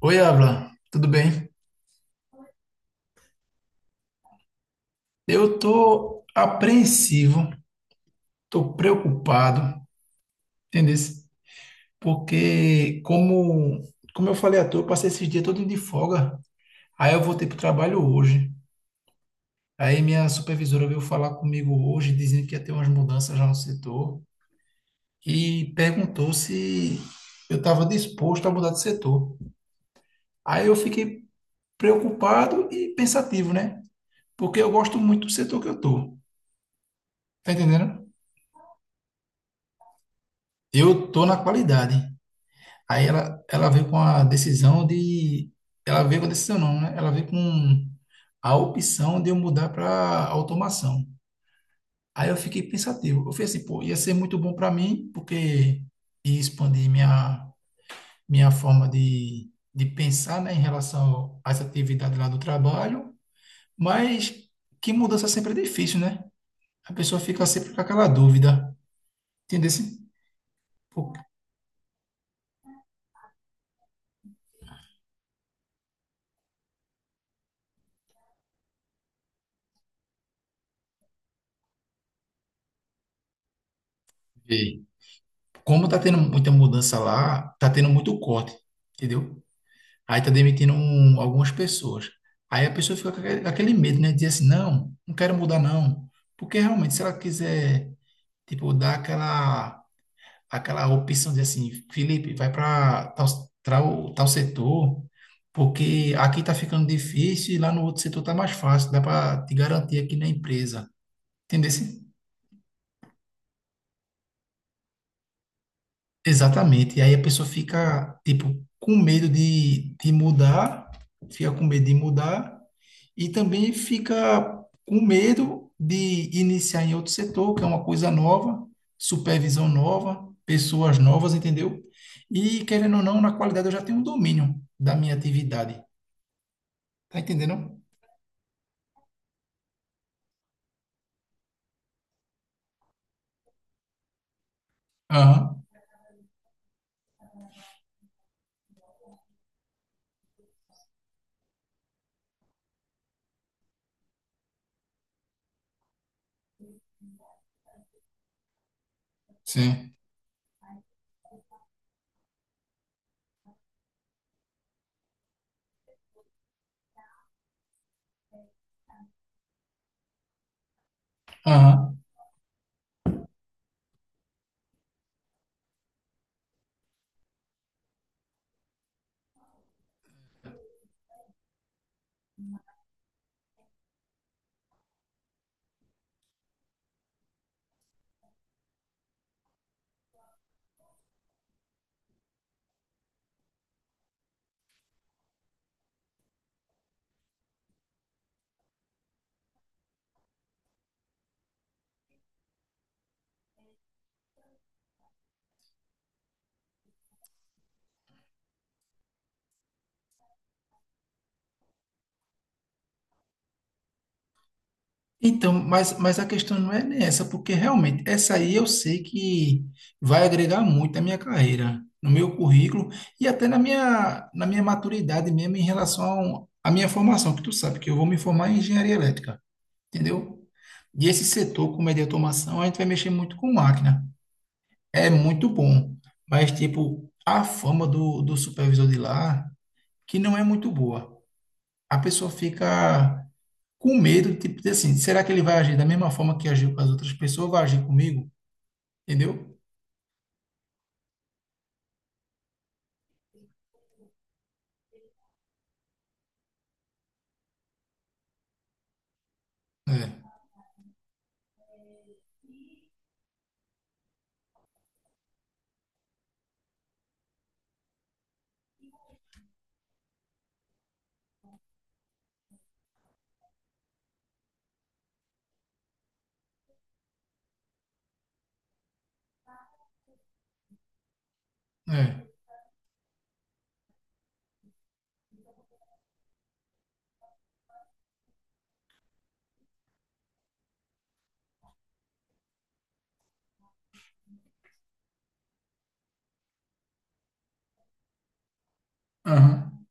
Oi, Abla, tudo bem? Eu tô apreensivo, tô preocupado, entendeu? Porque como eu falei à toa, eu passei esses dias todo de folga. Aí eu voltei pro trabalho hoje. Aí minha supervisora veio falar comigo hoje, dizendo que ia ter umas mudanças já no setor e perguntou se eu estava disposto a mudar de setor. Aí eu fiquei preocupado e pensativo, né? Porque eu gosto muito do setor que eu tô. Tá entendendo? Eu tô na qualidade. Aí ela veio com a decisão de. Ela veio com a decisão, não, né? Ela veio com a opção de eu mudar para automação. Aí eu fiquei pensativo. Eu falei assim, pô, ia ser muito bom para mim, porque ia expandir minha forma de pensar, né, em relação às atividades lá do trabalho. Mas que mudança sempre é difícil, né? A pessoa fica sempre com aquela dúvida. Entendeu? Porque como tá tendo muita mudança lá, tá tendo muito corte, entendeu? Aí tá demitindo algumas pessoas. Aí a pessoa fica com aquele medo, né? Diz assim, não, não quero mudar, não. Porque realmente, se ela quiser, tipo, dar aquela opção de assim, Felipe, vai para tal, tal, tal setor, porque aqui tá ficando difícil e lá no outro setor tá mais fácil, dá para te garantir aqui na empresa. Entendeu? Exatamente. E aí a pessoa fica, tipo, com medo de mudar, fica com medo de mudar e também fica com medo de iniciar em outro setor, que é uma coisa nova, supervisão nova, pessoas novas, entendeu? E querendo ou não, na qualidade eu já tenho um domínio da minha atividade. Tá entendendo? Aham, sim. Aham. Então, mas a questão não é nem essa, porque realmente essa aí eu sei que vai agregar muito na minha carreira, no meu currículo e até na na minha maturidade mesmo em relação à minha formação, que tu sabe que eu vou me formar em engenharia elétrica, entendeu? E esse setor, como é de automação, a gente vai mexer muito com máquina. É muito bom, mas tipo, a fama do supervisor de lá, que não é muito boa. A pessoa fica com medo, de tipo, de assim, será que ele vai agir da mesma forma que agiu com as outras pessoas, vai agir comigo? Entendeu? É, é, aham,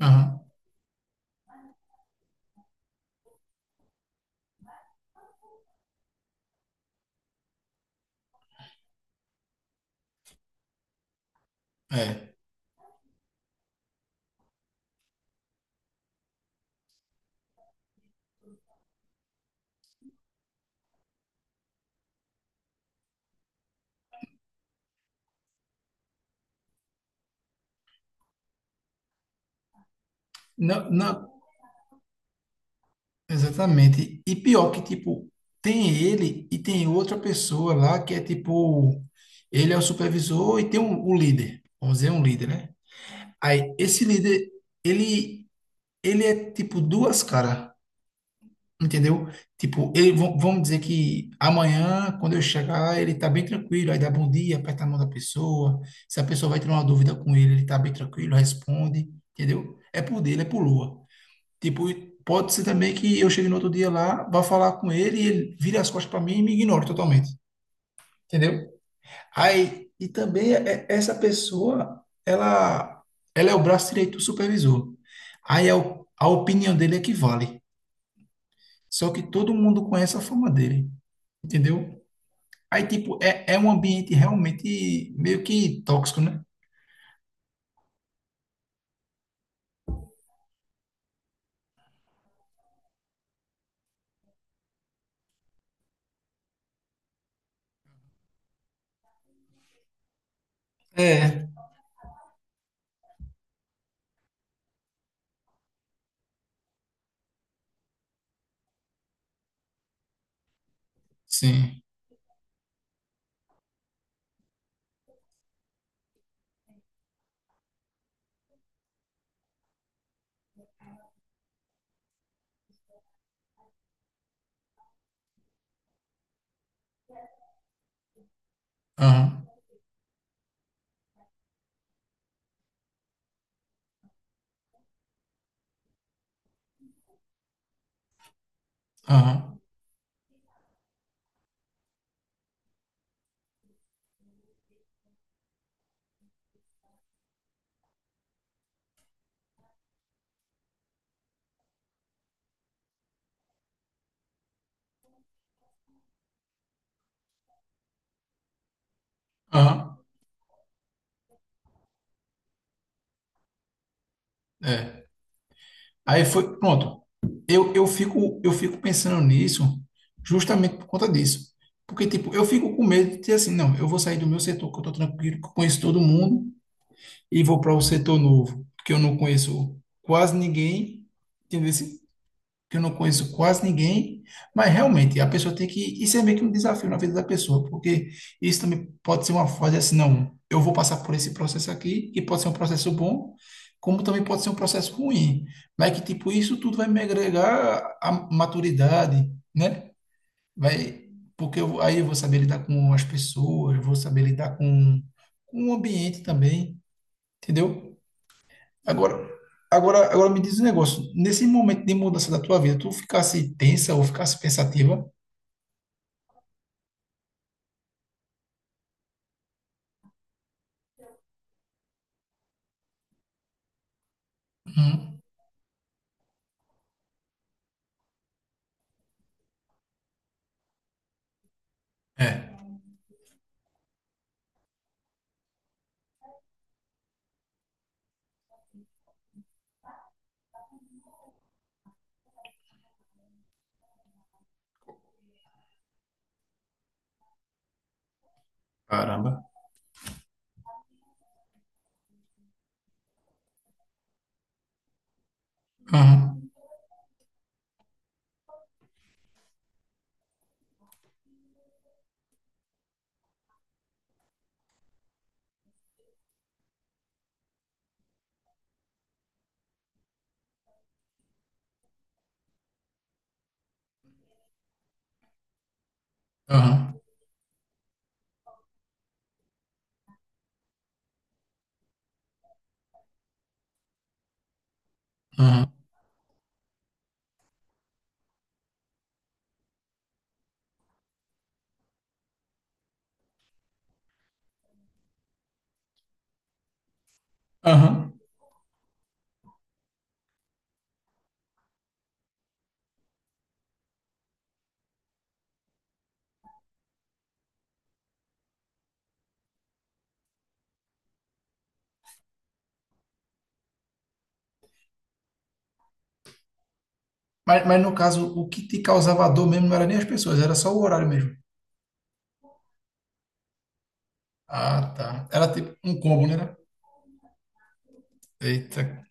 aham, é. Não, não, exatamente. E pior que, tipo, tem ele e tem outra pessoa lá que é, tipo, ele é o supervisor e tem um, o líder, vamos dizer, um líder, né? Aí, esse líder, ele, ele é, tipo, duas caras. Entendeu? Tipo, ele, vão dizer que amanhã, quando eu chegar, ele tá bem tranquilo. Aí dá bom dia, aperta a mão da pessoa. Se a pessoa vai ter uma dúvida com ele, ele tá bem tranquilo, responde. Entendeu? É por dele, é por Lua. Tipo, e pode ser também que eu chegue no outro dia lá, vá falar com ele e ele vire as costas para mim e me ignore totalmente. Entendeu? Aí, e também é, essa pessoa, ela é o braço direito do supervisor. Aí a opinião dele é que vale. Só que todo mundo conhece a fama dele, entendeu? Aí, tipo, é um ambiente realmente meio que tóxico, né? É, sim. Aham. Aham. Aham. É. Aí foi, pronto. Eu fico, eu fico pensando nisso justamente por conta disso. Porque, tipo, eu fico com medo de dizer assim, não, eu vou sair do meu setor, que eu tô tranquilo, que eu conheço todo mundo, e vou para um setor novo, que eu não conheço quase ninguém, entendeu? Que eu não conheço quase ninguém, mas realmente a pessoa tem que. Isso é meio que um desafio na vida da pessoa, porque isso também pode ser uma fase assim, não, eu vou passar por esse processo aqui, e pode ser um processo bom, como também pode ser um processo ruim, mas que tipo, isso tudo vai me agregar a maturidade, né? Vai, porque aí eu vou saber lidar com as pessoas, eu vou saber lidar com o ambiente também, entendeu? Agora, agora me diz um negócio. Nesse momento de mudança da tua vida, tu ficasse tensa ou ficasse pensativa? Uhum. É, caramba. Aham, aham, aham, aham. Mas no caso, o que te causava dor mesmo não era nem as pessoas, era só o horário mesmo. Ah, tá. Era tipo um combo, né? Eita,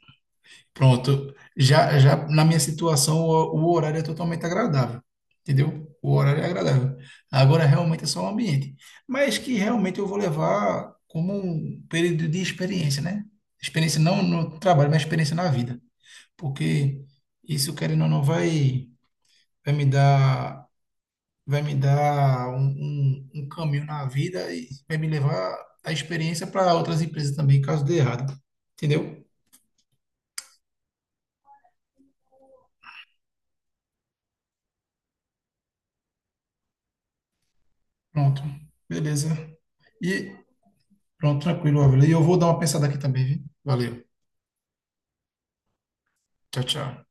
pronto. Já na minha situação, o horário é totalmente agradável. Entendeu? O horário é agradável. Agora, realmente, é só o ambiente. Mas que realmente eu vou levar como um período de experiência, né? Experiência não no trabalho, mas experiência na vida. Porque isso, querendo ou não, vai me dar, vai me dar um caminho na vida e vai me levar a experiência para outras empresas também, caso dê errado. Entendeu? Pronto. Beleza. E, pronto, tranquilo, Ávila. E eu vou dar uma pensada aqui também, viu? Valeu. Tchau, tchau.